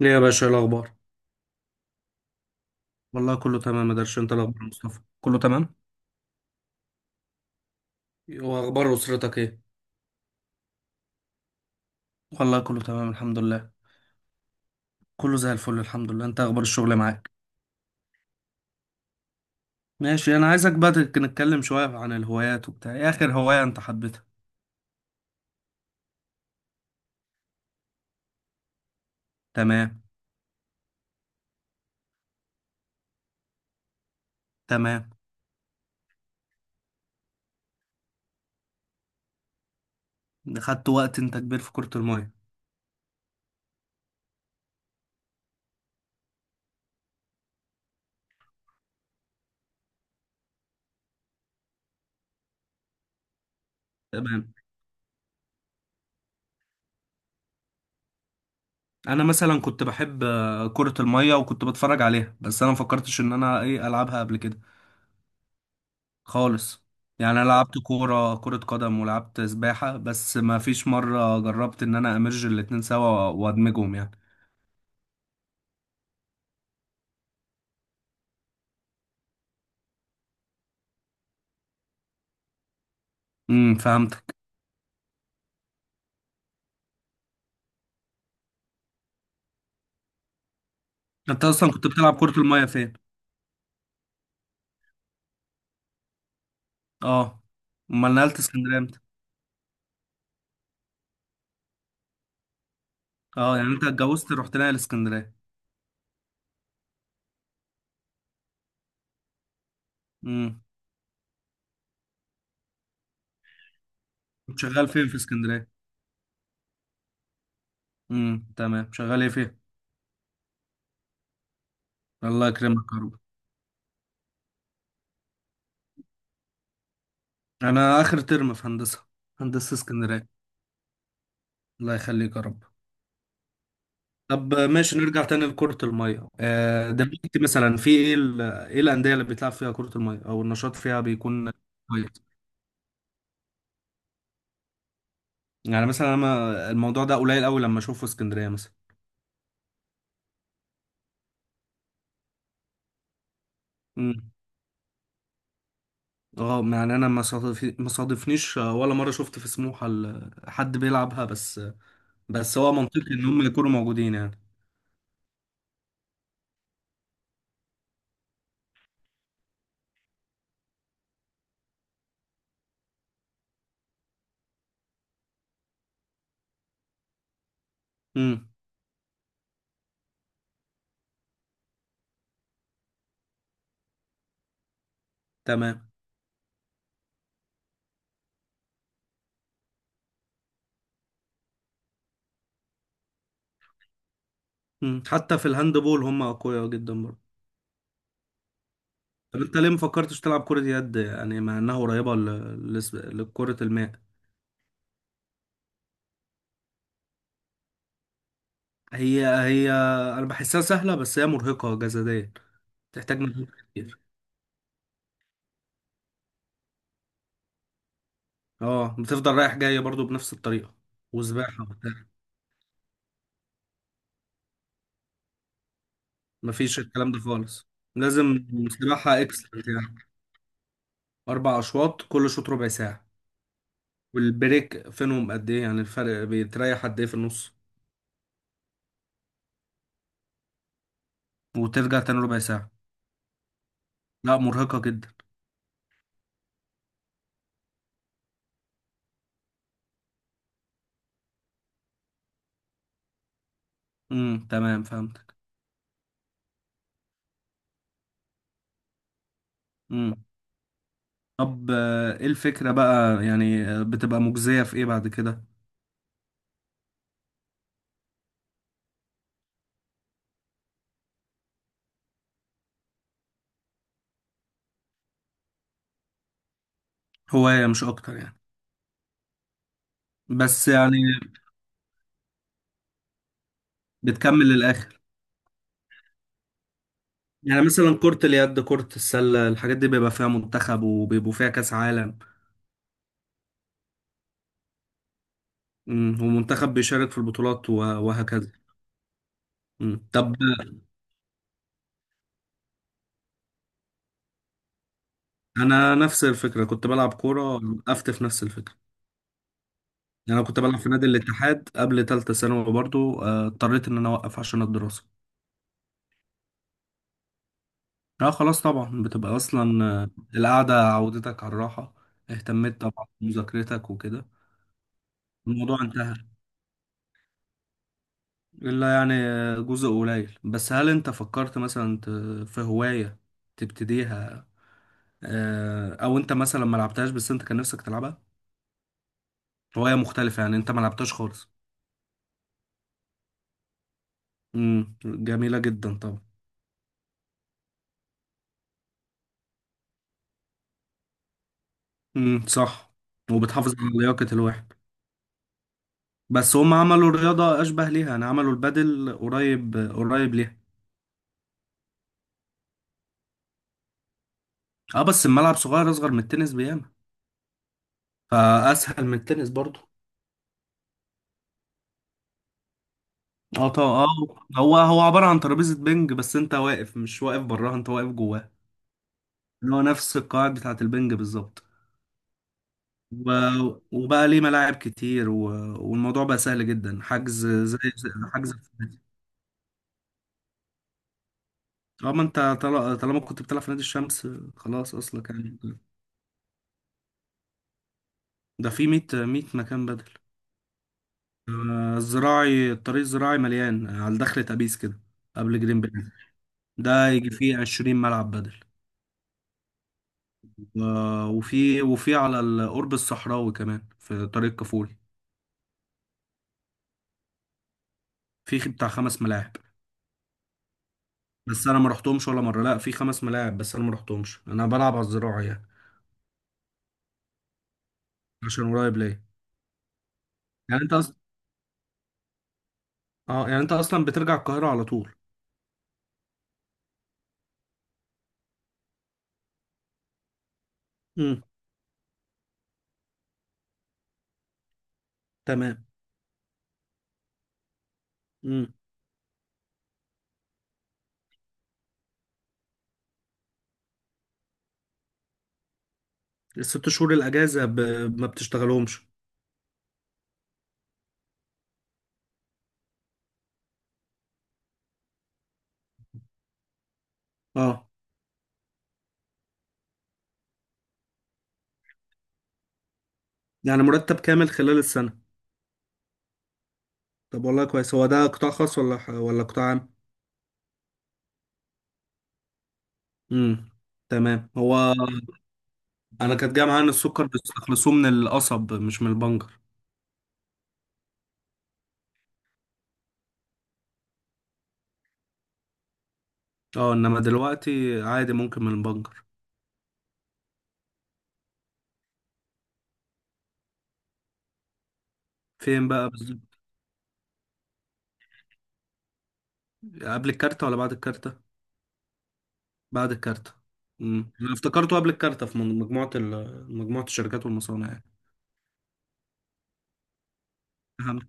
ليه يا باشا؟ إيه الاخبار؟ والله كله تمام يا درش، انت الاخبار يا مصطفى؟ كله تمام. واخبار اسرتك ايه؟ والله كله تمام الحمد لله. كله زي الفل الحمد لله، انت اخبار الشغل معاك؟ ماشي. انا عايزك بقى نتكلم شويه عن الهوايات وبتاع، ايه اخر هوايه انت حبيتها؟ تمام. تمام. خدت وقت، انت كبير في كره الميه؟ تمام. انا مثلا كنت بحب كره الميه وكنت بتفرج عليها، بس انا ما فكرتش ان انا ايه العبها قبل كده. خالص. يعني انا لعبت كره قدم ولعبت سباحه، بس ما فيش مره جربت ان انا امرج الاتنين سوا وادمجهم يعني. فهمتك. انت اصلا كنت بتلعب كره الميه فين؟ اه. امال نقلت اسكندريه امتى؟ اه، يعني انت اتجوزت رحت ناقل اسكندريه؟ امم. كنت شغال فين في اسكندريه؟ تمام. شغال ايه فين؟ الله يكرمك يا رب. انا اخر ترم في هندسه، هندسه اسكندريه. الله يخليك يا رب. طب ماشي، نرجع تاني لكرة المية. دلوقتي مثلا في ايه، ايه الأندية اللي بتلعب فيها كرة المية او النشاط فيها بيكون كويس؟ يعني مثلا انا الموضوع ده قليل قوي لما اشوفه في اسكندرية مثلا. امم. اه، يعني انا ما صادفنيش ولا مرة شفت في سموحة حد بيلعبها، بس بس هو منطقي ان هم يكونوا موجودين يعني. امم، تمام. حتى في الهاند بول هم اقوياء جدا برضه. طب انت ليه ما فكرتش تلعب كرة يد يعني، مع انها قريبة لكرة الماء؟ هي هي، انا بحسها سهله، بس هي مرهقه جسديا، تحتاج مجهود كتير. اه، بتفضل رايح جاي برضو بنفس الطريقه، وسباحه وبتاع. مفيش الكلام ده خالص. لازم سباحه اكسترا يعني، اربع اشواط، كل شوط ربع ساعه. والبريك فينهم قد ايه؟ يعني الفرق بيتريح قد ايه في النص؟ وترجع تاني ربع ساعه. لا، مرهقه جدا. امم، تمام، فهمتك. امم. طب، ايه الفكره بقى؟ يعني بتبقى مجزيه في ايه بعد كده؟ هوايه مش اكتر يعني. بس يعني بتكمل للاخر؟ يعني مثلا كرة اليد، كرة السلة، الحاجات دي بيبقى فيها منتخب وبيبقوا فيها كأس عالم. مم. ومنتخب بيشارك في البطولات وهكذا. مم. طب، انا نفس الفكرة كنت بلعب كورة، وقفت في نفس الفكرة. يعني انا كنت بلعب في نادي الاتحاد قبل تالتة ثانوي برضو، اضطريت ان انا اوقف عشان الدراسة. اه خلاص طبعا، بتبقى اصلا القعدة عودتك على الراحة، اهتميت طبعا بمذاكرتك وكده، الموضوع انتهى. إلا يعني جزء قليل، بس هل أنت فكرت مثلا في هواية تبتديها؟ أو أنت مثلا ما لعبتهاش بس أنت كان نفسك تلعبها، هواية مختلفة يعني أنت ما لعبتهاش خالص؟ جميلة جدا طبعا. امم، صح. وبتحافظ على لياقة الواحد. بس هم عملوا رياضة أشبه ليها، يعني عملوا البادل قريب قريب ليها. أه بس الملعب صغير، أصغر من التنس بياما، فأسهل من التنس برضه. اه طبعا اه. هو هو عبارة عن ترابيزة بينج، بس انت واقف مش واقف براها، انت واقف جواها. اللي هو نفس القواعد بتاعة البنج بالظبط. و... وبقى ليه ملاعب كتير، والموضوع بقى سهل جدا، حجز حجز في النادي. اه، ما انت طالما كنت بتلعب في نادي الشمس خلاص اصلك يعني. ده في 100 مكان بدل. الطريق الزراعي مليان على دخلة أبيس كده، قبل جرين بلاد. ده يجي فيه 20 ملعب بدل. وفي على القرب الصحراوي كمان في طريق كفول، في بتاع خمس ملاعب. بس انا ما رحتهمش ولا مره. لا، في خمس ملاعب بس انا ما رحتهمش، انا بلعب على الزراعه يعني، عشان قريب ليا. يعني انت اصلا، اه يعني انت اصلا بترجع القاهره على طول؟ امم، تمام. امم الست شهور الاجازه ما بتشتغلهمش؟ اه، يعني مرتب كامل خلال السنه؟ طب والله كويس. هو ده قطاع خاص ولا ولا قطاع عام؟ امم، تمام. هو انا كانت جايه معايا ان السكر بيستخلصوه من القصب مش من البنجر. اه، انما دلوقتي عادي ممكن من البنجر. فين بقى بالظبط؟ قبل الكارتة ولا بعد الكارتة؟ بعد الكارتة. انا افتكرته قبل الكارتة في مجموعة الشركات والمصانع يعني. فهمت.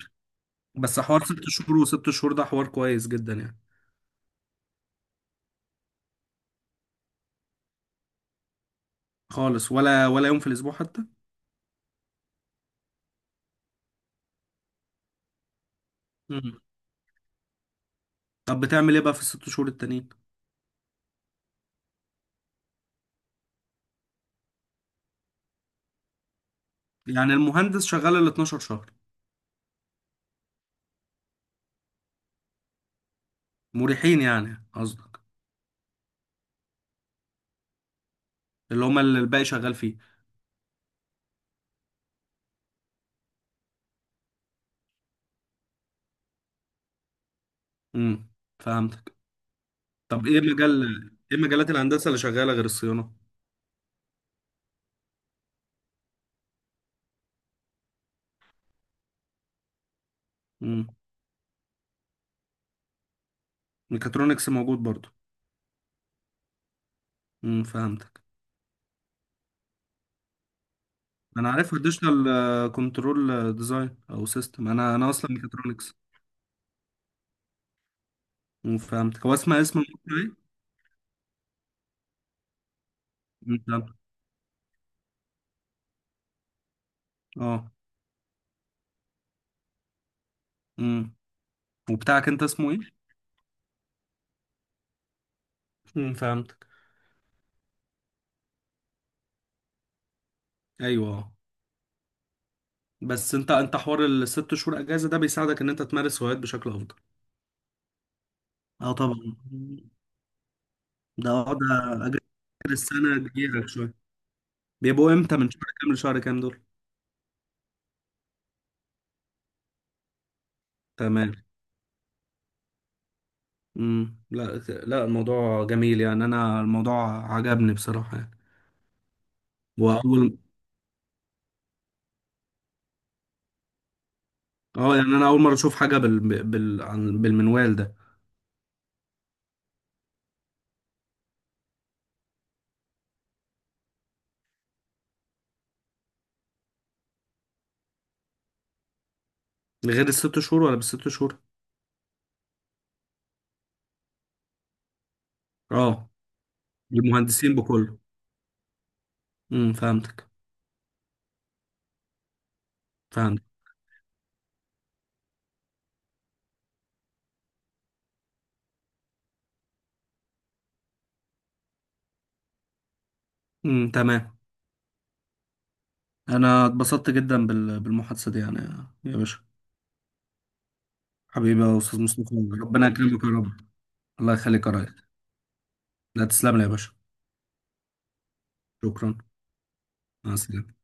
بس حوار ست شهور وست شهور ده حوار كويس جدا يعني. خالص؟ ولا يوم في الأسبوع حتى؟ امم طب بتعمل ايه بقى في الست شهور التانيين؟ يعني المهندس شغال ال 12 شهر؟ مريحين يعني قصدك؟ اللي هما اللي الباقي شغال فيه؟ امم فهمتك. طب ايه مجال، ايه مجالات الهندسة اللي شغالة غير الصيانة؟ امم ميكاترونكس موجود برضو؟ فهمتك. انا عارف اديشنال كنترول ديزاين او سيستم، انا اصلا ميكاترونكس. فهمت، هو اسمها اسم المقطع ايه؟ فهمت. اه. امم وبتاعك انت اسمه ايه؟ فهمتك. ايوه، بس انت حوار الست شهور اجازه ده بيساعدك ان انت تمارس هوايات بشكل افضل؟ اه طبعا. ده اجازه. السنه كبيره شويه، بيبقوا امتى من شهر كام لشهر كام دول؟ تمام. امم، لا، لا الموضوع جميل يعني، انا الموضوع عجبني بصراحه يعني. واول اه، يعني انا اول مره اشوف حاجه بالمنوال ده. غير الست شهور ولا بالست شهور؟ اه، للمهندسين بكله؟ فهمتك. فهمت. امم، تمام. انا اتبسطت جدا بالمحادثه دي يعني. يا باشا، حبيبي يا استاذ مصطفى. ربنا يكرمك يا رب. الله يخليك يا ريس. لا، تسلم لي يا باشا. شكرا. مع السلامه.